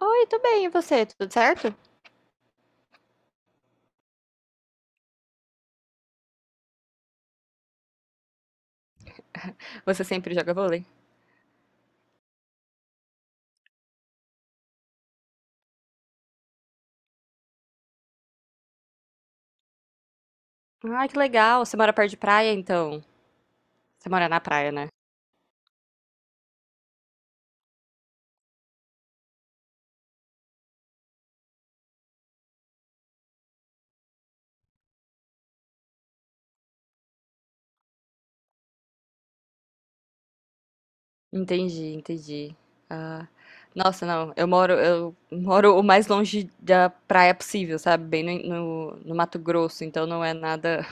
Oi, tudo bem, e você? Tudo certo? Você sempre joga vôlei? Ah, que legal. Você mora perto de praia, então? Você mora na praia, né? Entendi, entendi. Ah, nossa, não. Eu moro o mais longe da praia possível, sabe? Bem no Mato Grosso, então não é nada,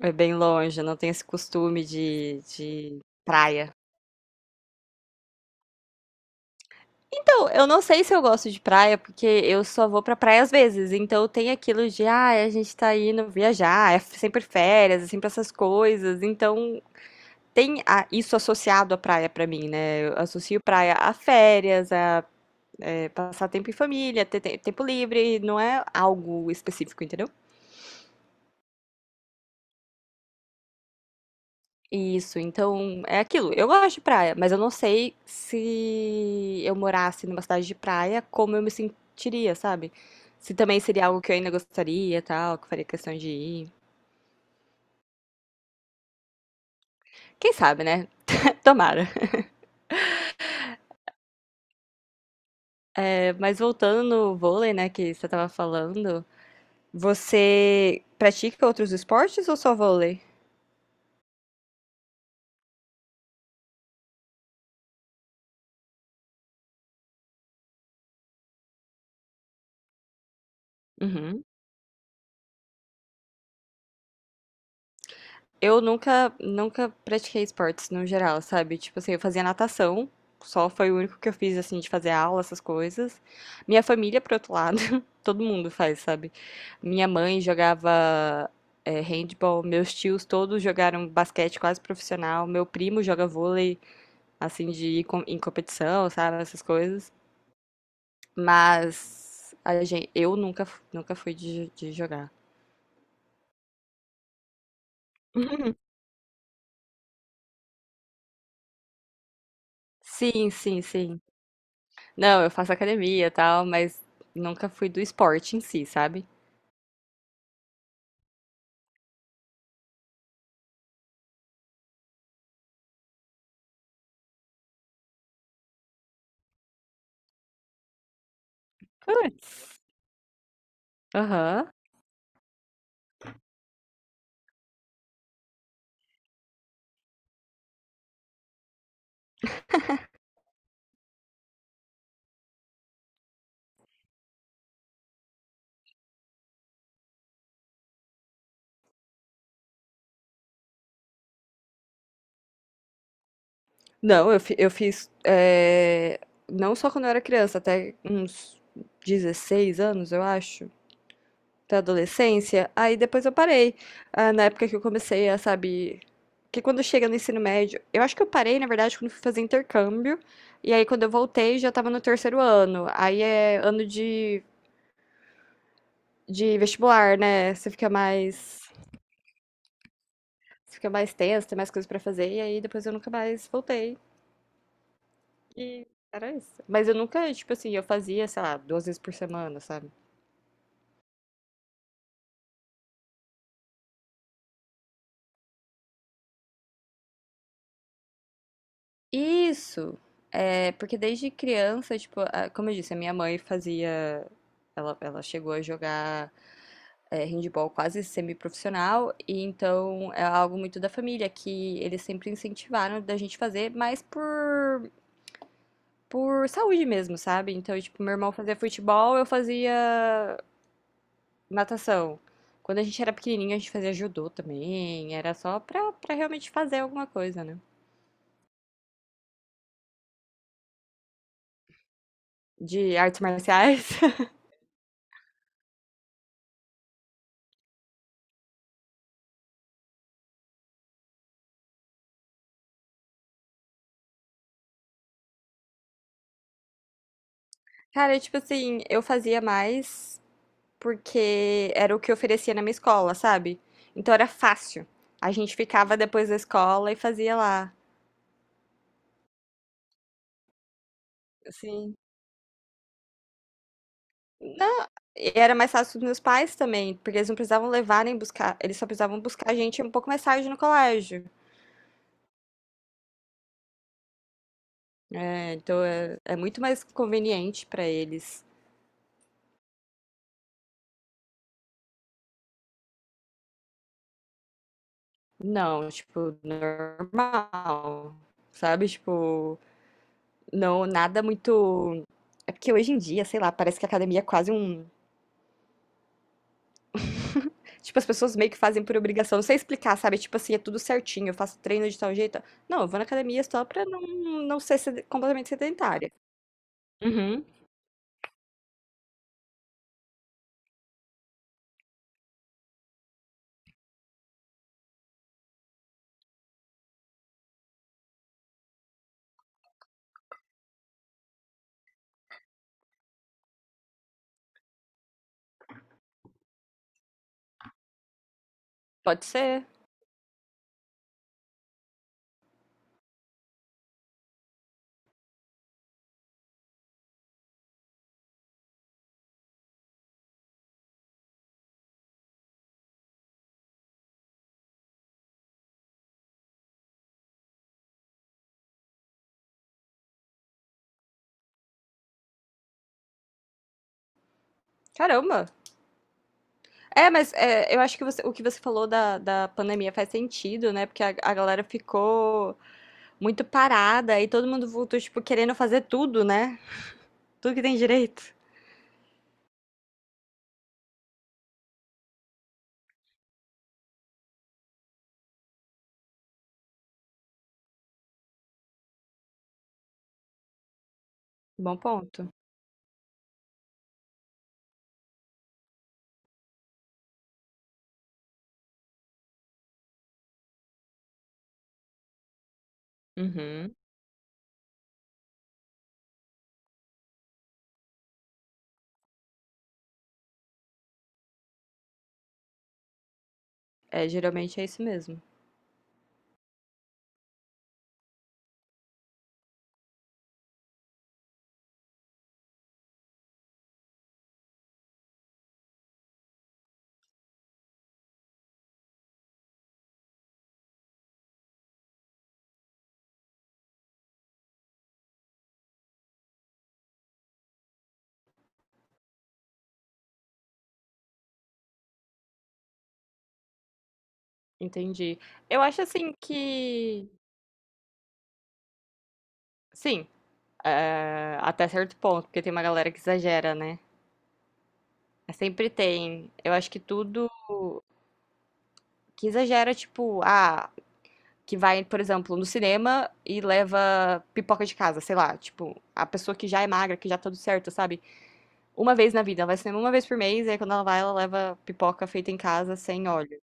é bem longe. Eu não tenho esse costume de praia. Então, eu não sei se eu gosto de praia, porque eu só vou pra praia às vezes. Então tem aquilo de, a gente tá indo viajar, é sempre férias, é sempre essas coisas. Então tem isso associado à praia pra mim, né? Eu associo praia a férias, a passar tempo em família, ter tempo livre, não é algo específico, entendeu? Isso, então é aquilo. Eu gosto de praia, mas eu não sei se eu morasse numa cidade de praia, como eu me sentiria, sabe? Se também seria algo que eu ainda gostaria, tal, que eu faria questão de ir. Quem sabe, né? Tomara. É, mas voltando no vôlei, né, que você tava falando, você pratica outros esportes ou só vôlei? Uhum. Eu nunca, nunca pratiquei esportes no geral, sabe? Tipo assim, eu fazia natação, só foi o único que eu fiz, assim, de fazer aula, essas coisas. Minha família, por outro lado, todo mundo faz, sabe? Minha mãe jogava, handball, meus tios todos jogaram basquete quase profissional, meu primo joga vôlei, assim, de ir em competição, sabe? Essas coisas. Mas a gente, eu nunca, nunca fui de jogar. Sim, sim, sim. Não, eu faço academia e tal, mas nunca fui do esporte em si, sabe? Putz. Aham. Não, eu fiz. Não só quando eu era criança, até uns 16 anos, eu acho, até a adolescência. Aí depois eu parei. Ah, na época que eu comecei a, sabe. Que quando chega no ensino médio. Eu acho que eu parei, na verdade, quando fui fazer intercâmbio. E aí quando eu voltei, já tava no terceiro ano. Aí é ano de vestibular, né? Você fica mais. Fica mais tenso, tem mais coisas pra fazer, e aí depois eu nunca mais voltei. E era isso. Mas eu nunca, tipo assim, eu fazia, sei lá, 2 vezes por semana, sabe? Isso! É, porque desde criança, tipo, como eu disse, a minha mãe fazia. Ela chegou a jogar handball quase semiprofissional, e então é algo muito da família, que eles sempre incentivaram da gente fazer, mas por saúde mesmo, sabe? Então, tipo, meu irmão fazia futebol, eu fazia natação. Quando a gente era pequenininho, a gente fazia judô também. Era só pra realmente fazer alguma coisa, né? De artes marciais. Cara, tipo assim, eu fazia mais porque era o que oferecia na minha escola, sabe? Então era fácil. A gente ficava depois da escola e fazia lá. Assim. Não, e era mais fácil dos meus pais também, porque eles não precisavam levar nem buscar. Eles só precisavam buscar a gente um pouco mais tarde no colégio. É, então é muito mais conveniente pra eles. Não, tipo, normal, sabe? Tipo, não, nada muito. É porque hoje em dia, sei lá, parece que a academia é quase um. Tipo, as pessoas meio que fazem por obrigação. Não sei explicar, sabe? Tipo assim, é tudo certinho, eu faço treino de tal jeito. Não, eu vou na academia só pra não ser completamente sedentária. Uhum, pode ser. Caramba! É, mas eu acho que o que você falou da pandemia faz sentido, né? Porque a galera ficou muito parada e todo mundo voltou, tipo, querendo fazer tudo, né? Tudo que tem direito. Bom ponto. Uhum. É, geralmente é isso mesmo. Entendi. Eu acho assim que. Sim, até certo ponto, porque tem uma galera que exagera, né? Mas sempre tem. Eu acho que tudo que exagera, tipo, que vai, por exemplo, no cinema e leva pipoca de casa, sei lá. Tipo, a pessoa que já é magra, que já tá tudo certo, sabe? Uma vez na vida, ela vai ao cinema uma vez por mês, e aí quando ela vai, ela leva pipoca feita em casa sem óleo.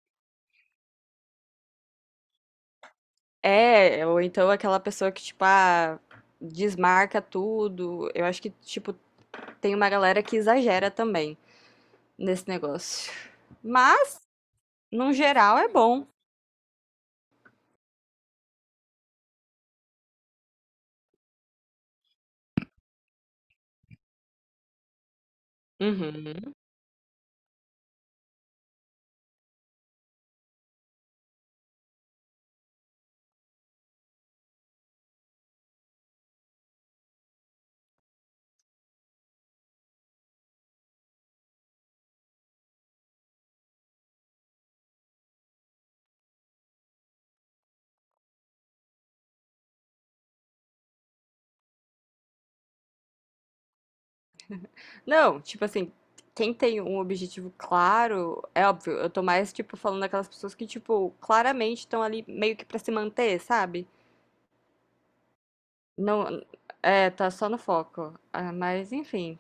É, ou então aquela pessoa que, tipo, desmarca tudo. Eu acho que, tipo, tem uma galera que exagera também nesse negócio. Mas, no geral, é bom. Uhum. Não, tipo assim, quem tem um objetivo claro, é óbvio, eu tô mais, tipo, falando daquelas pessoas que, tipo, claramente estão ali meio que pra se manter, sabe? Não, tá só no foco. Ah, mas, enfim.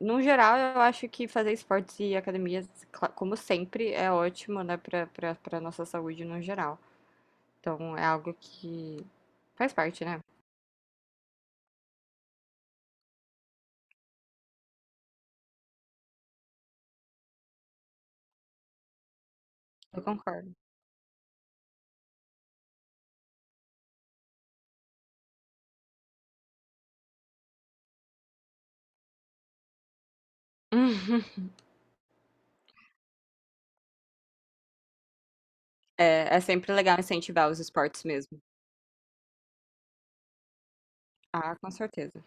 No geral, eu acho que fazer esportes e academias, como sempre, é ótimo, né, pra nossa saúde no geral. Então, é algo que faz parte, né? Eu concordo. Hum. É sempre legal incentivar os esportes mesmo. Ah, com certeza.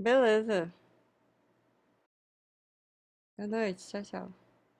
Beleza. Boa noite. Tchau, tchau.